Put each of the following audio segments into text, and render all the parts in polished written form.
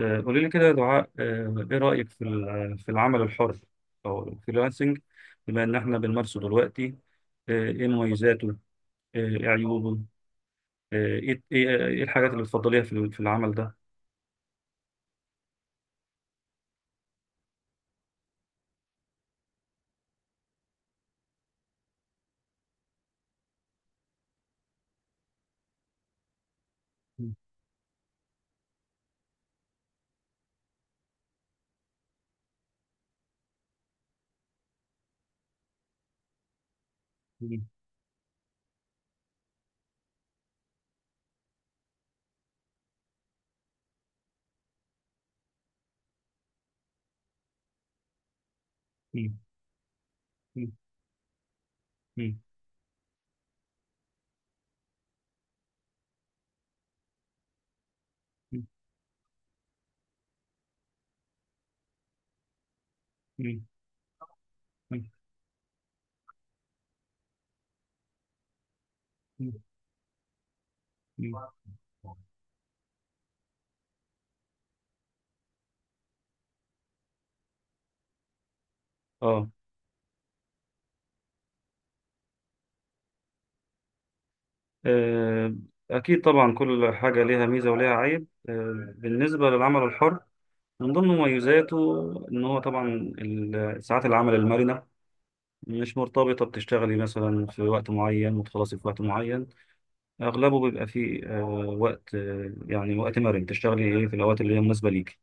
قولي لي كده يا دعاء، ايه رأيك في في العمل الحر او الفريلانسنج؟ بما ان احنا بنمارسه دلوقتي، ايه مميزاته؟ ايه عيوبه؟ آه، ايه ايه إيه الحاجات اللي بتفضليها في في العمل ده؟ مم. مم. مم. مم. مم. مم. مم. مم. مم. مم. اه. آه، اكيد طبعا، كل حاجة ليها ميزة وليها عيب. بالنسبة للعمل الحر، من ضمن مميزاته ان هو طبعا ساعات العمل المرنة، مش مرتبطة بتشتغلي مثلا في وقت معين وتخلصي في وقت معين. أغلبه بيبقى فيه وقت، يعني وقت مرن تشتغلي إيه في الأوقات اللي هي مناسبة ليكي.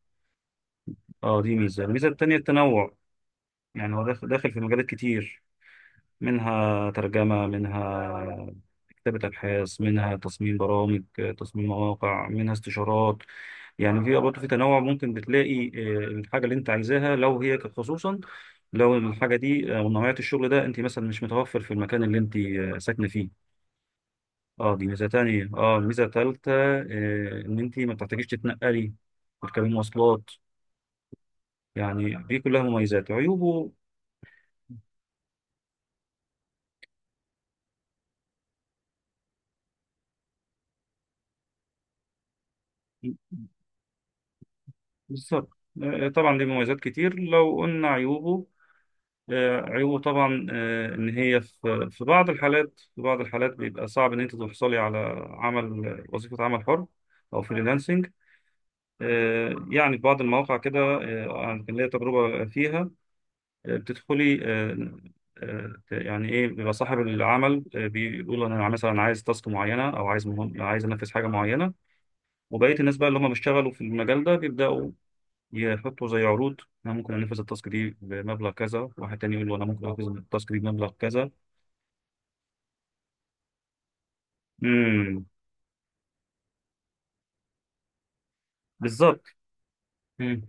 أه دي ميزة. الميزة التانية التنوع، يعني هو داخل في مجالات كتير، منها ترجمة، منها كتابة أبحاث، منها تصميم برامج، تصميم مواقع، منها استشارات. يعني في برضه في تنوع، ممكن بتلاقي الحاجة اللي أنت عايزاها. لو هي خصوصا لو الحاجة دي ونوعية الشغل ده أنت مثلا مش متوفر في المكان اللي أنت ساكنة فيه. اه دي ميزة تانية. اه ميزة تالتة، ان انت ما بتحتاجيش تتنقلي وتركبي مواصلات. يعني دي كلها مميزات. عيوبه؟ بالظبط. طبعا ليه مميزات كتير. لو قلنا عيوبه، عيوبه طبعا، ان هي في بعض الحالات، في بعض الحالات بيبقى صعب ان انت تحصلي على عمل، وظيفة، عمل حر او فريلانسنج. يعني في بعض المواقع كده، أنا كان ليا تجربة فيها، بتدخلي يعني ايه، بيبقى صاحب العمل بيقول انا مثلا عايز تاسك معينه، او عايز، مهم عايز انفذ حاجه معينه، وبقيه الناس بقى اللي هم بيشتغلوا في المجال ده بيبداوا يحطوا زي عروض: انا ممكن انفذ التاسك دي بمبلغ كذا، واحد تاني يقول له انا ممكن انفذ التاسك دي بمبلغ كذا. امم. بالظبط. مم.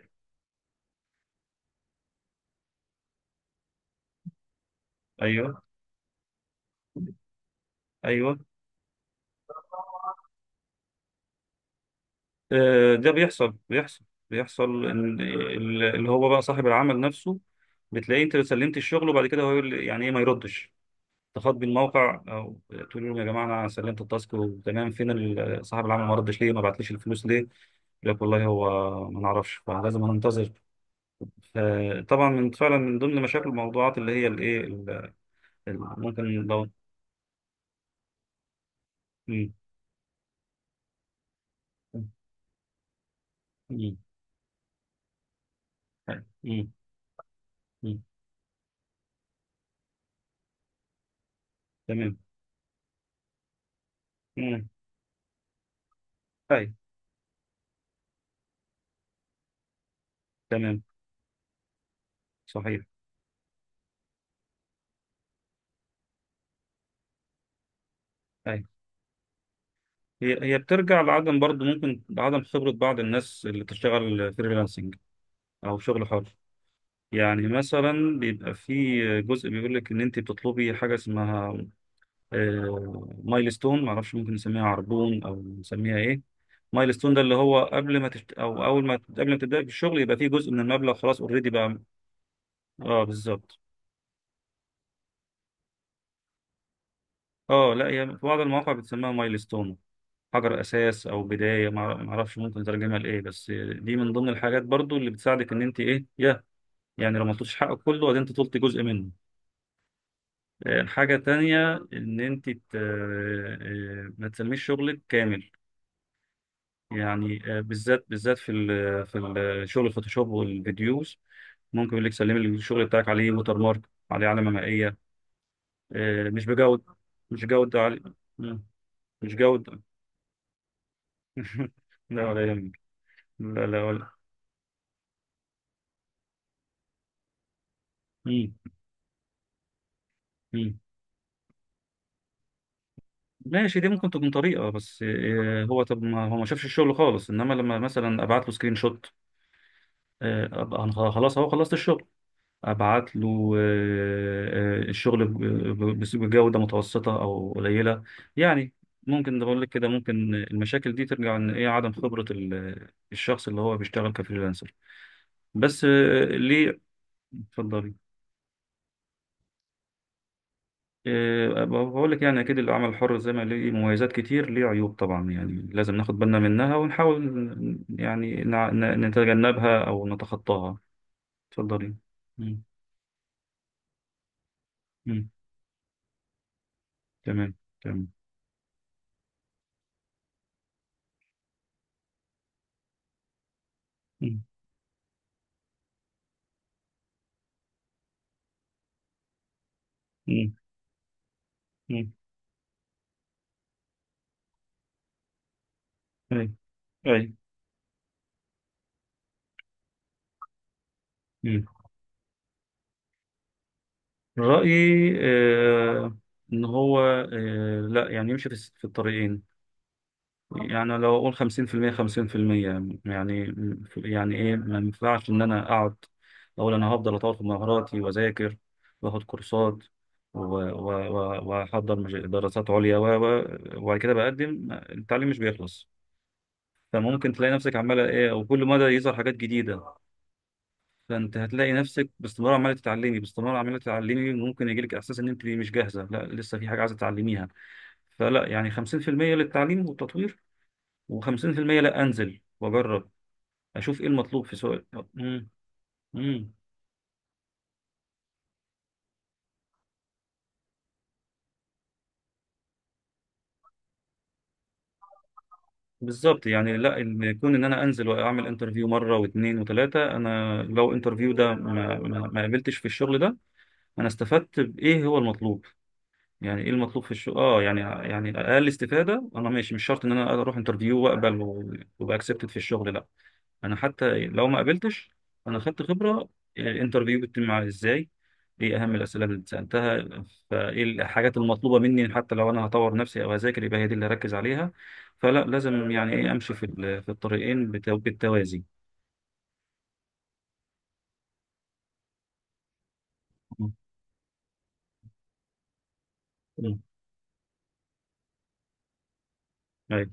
ايوه. ايوه. ده بيحصل، بيحصل ان اللي هو بقى صاحب العمل نفسه بتلاقيه انت سلمت الشغل، وبعد كده هو يقول لي يعني ايه، ما يردش. اتصلت بالموقع أو تقول لهم: يا جماعه انا سلمت التاسك وتمام، فين صاحب العمل؟ ما ردش، ليه ما بعتليش الفلوس؟ ليه يقول لك والله هو ما نعرفش، فلازم هننتظر. فطبعا من فعلا من ضمن مشاكل الموضوعات اللي هي الايه ممكن لو. مم. مم. مم. مم. تمام. مم. اي. تمام. صحيح. اي. هي هي بترجع لعدم، برضه ممكن لعدم خبره بعض الناس اللي بتشتغل فريلانسنج او شغل حر. يعني مثلا بيبقى في جزء بيقول لك ان انت بتطلبي حاجه اسمها مايلستون، ما اعرفش ممكن نسميها عربون او نسميها ايه. مايلستون ده اللي هو قبل ما او اول ما، قبل ما تبداي في الشغل يبقى فيه جزء من المبلغ خلاص اوريدي بقى. اه بالظبط. اه لا هي في بعض المواقع بتسميها مايلستون، حجر اساس او بدايه. ما اعرفش ممكن تترجمها لايه، بس دي من ضمن الحاجات برضو اللي بتساعدك ان انت ايه يا، يعني لو ما طلبتش حقك كله وبعدين انت طلبت جزء منه. الحاجة التانية إن أنت ما تسميش شغلك كامل. يعني بالذات بالذات في ال شغل الفوتوشوب والفيديوز، ممكن يقول لك سلمي لي الشغل بتاعك عليه ووتر مارك، عليه علامة مائية. مش بجودة، مش جودة علي. مم. مش جودة. لا ولا يهمك. لا لا ولا. مم. مم. ماشي، دي ممكن تكون طريقة، بس هو طب ما هو ما شافش الشغل خالص، إنما لما مثلا أبعت له سكرين شوت، أبقى أنا خلاص أهو خلصت الشغل، ابعت له الشغل بجودة متوسطة او قليلة يعني. ممكن ده بقول لك كده، ممكن المشاكل دي ترجع ان ايه عدم خبرة الشخص اللي هو بيشتغل كفريلانسر. بس ليه. اتفضلي. بقول لك يعني اكيد العمل الحر زي ما ليه مميزات كتير ليه عيوب طبعا، يعني لازم ناخد بالنا منها ونحاول يعني نتجنبها او نتخطاها. اتفضلي. مم. مم. تمام. تمام. مم. مم. مم. أي. أي. مم. رأيي إن هو، لا يعني يمشي في الطريقين. يعني لو أقول 50%، 50% يعني، يعني إيه، ما ينفعش إن أنا أقعد أقول أنا هفضل أطور في مهاراتي وأذاكر وآخد كورسات وأحضر دراسات عليا وبعد كده بقدم. التعليم مش بيخلص، فممكن تلاقي نفسك عمالة إيه، وكل مدى يظهر حاجات جديدة. فانت هتلاقي نفسك باستمرار عماله تتعلمي، باستمرار عماله تتعلمي، ممكن يجيلك احساس ان انت مش جاهزه، لا لسه في حاجه عايزه تتعلميها. فلا، يعني 50% للتعليم والتطوير، و50% لا انزل واجرب اشوف ايه المطلوب في سؤال. امم. امم. بالظبط. يعني لا، ان كون ان انا انزل واعمل انترفيو مره واثنين وثلاثه، انا لو انترفيو ده ما قابلتش في الشغل ده، انا استفدت بايه هو المطلوب. يعني ايه المطلوب في الشغل؟ اه يعني، يعني اقل استفاده انا ماشي، مش شرط ان انا اروح انترفيو واقبل وابقى اكسبتد في الشغل. لا انا حتى لو ما قابلتش انا خدت خبره، يعني الانترفيو بيتم معايا ازاي؟ ايه اهم الاسئله اللي سالتها؟ فايه الحاجات المطلوبه مني؟ حتى لو انا هطور نفسي او هذاكر يبقى هي دي اللي هركز عليها. فلا، لازم يعني ايه امشي في في الطريقين بالتوازي. مم. مم. ايوه.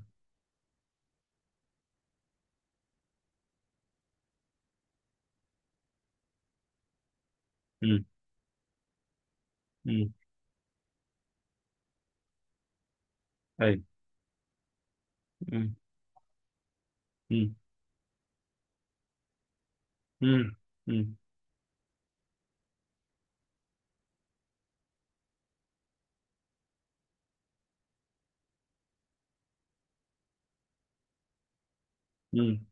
مم. مم. ايوه. مم. مم. مم. مم. مم.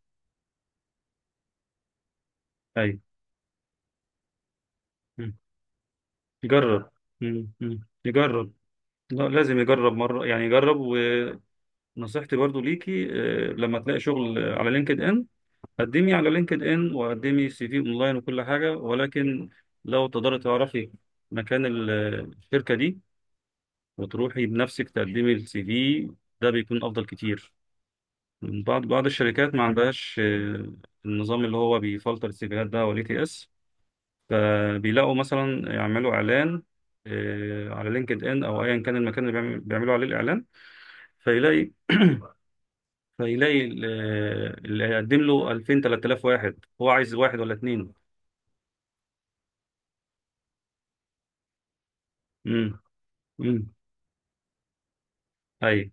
ايوه. يجرب. مم. مم. يجرب. لا لازم يجرب مرة، يعني يجرب. ونصيحتي برضو ليكي لما تلاقي شغل على لينكد ان، قدمي على لينكد ان وقدمي سي في اونلاين وكل حاجة، ولكن لو تقدري تعرفي مكان الشركة دي وتروحي بنفسك تقدمي السي في، ده بيكون افضل كتير. بعض الشركات ما عندهاش النظام اللي هو بيفلتر السيفيهات ده، وال تي اس. فبيلاقوا مثلا يعملوا اعلان على لينكد ان او ايا كان المكان اللي بيعملوا عليه الاعلان، فيلاقي فيلاقي اللي هيقدم له 2000، 3000، واحد هو عايز، واحد ولا اتنين. امم. امم. اي.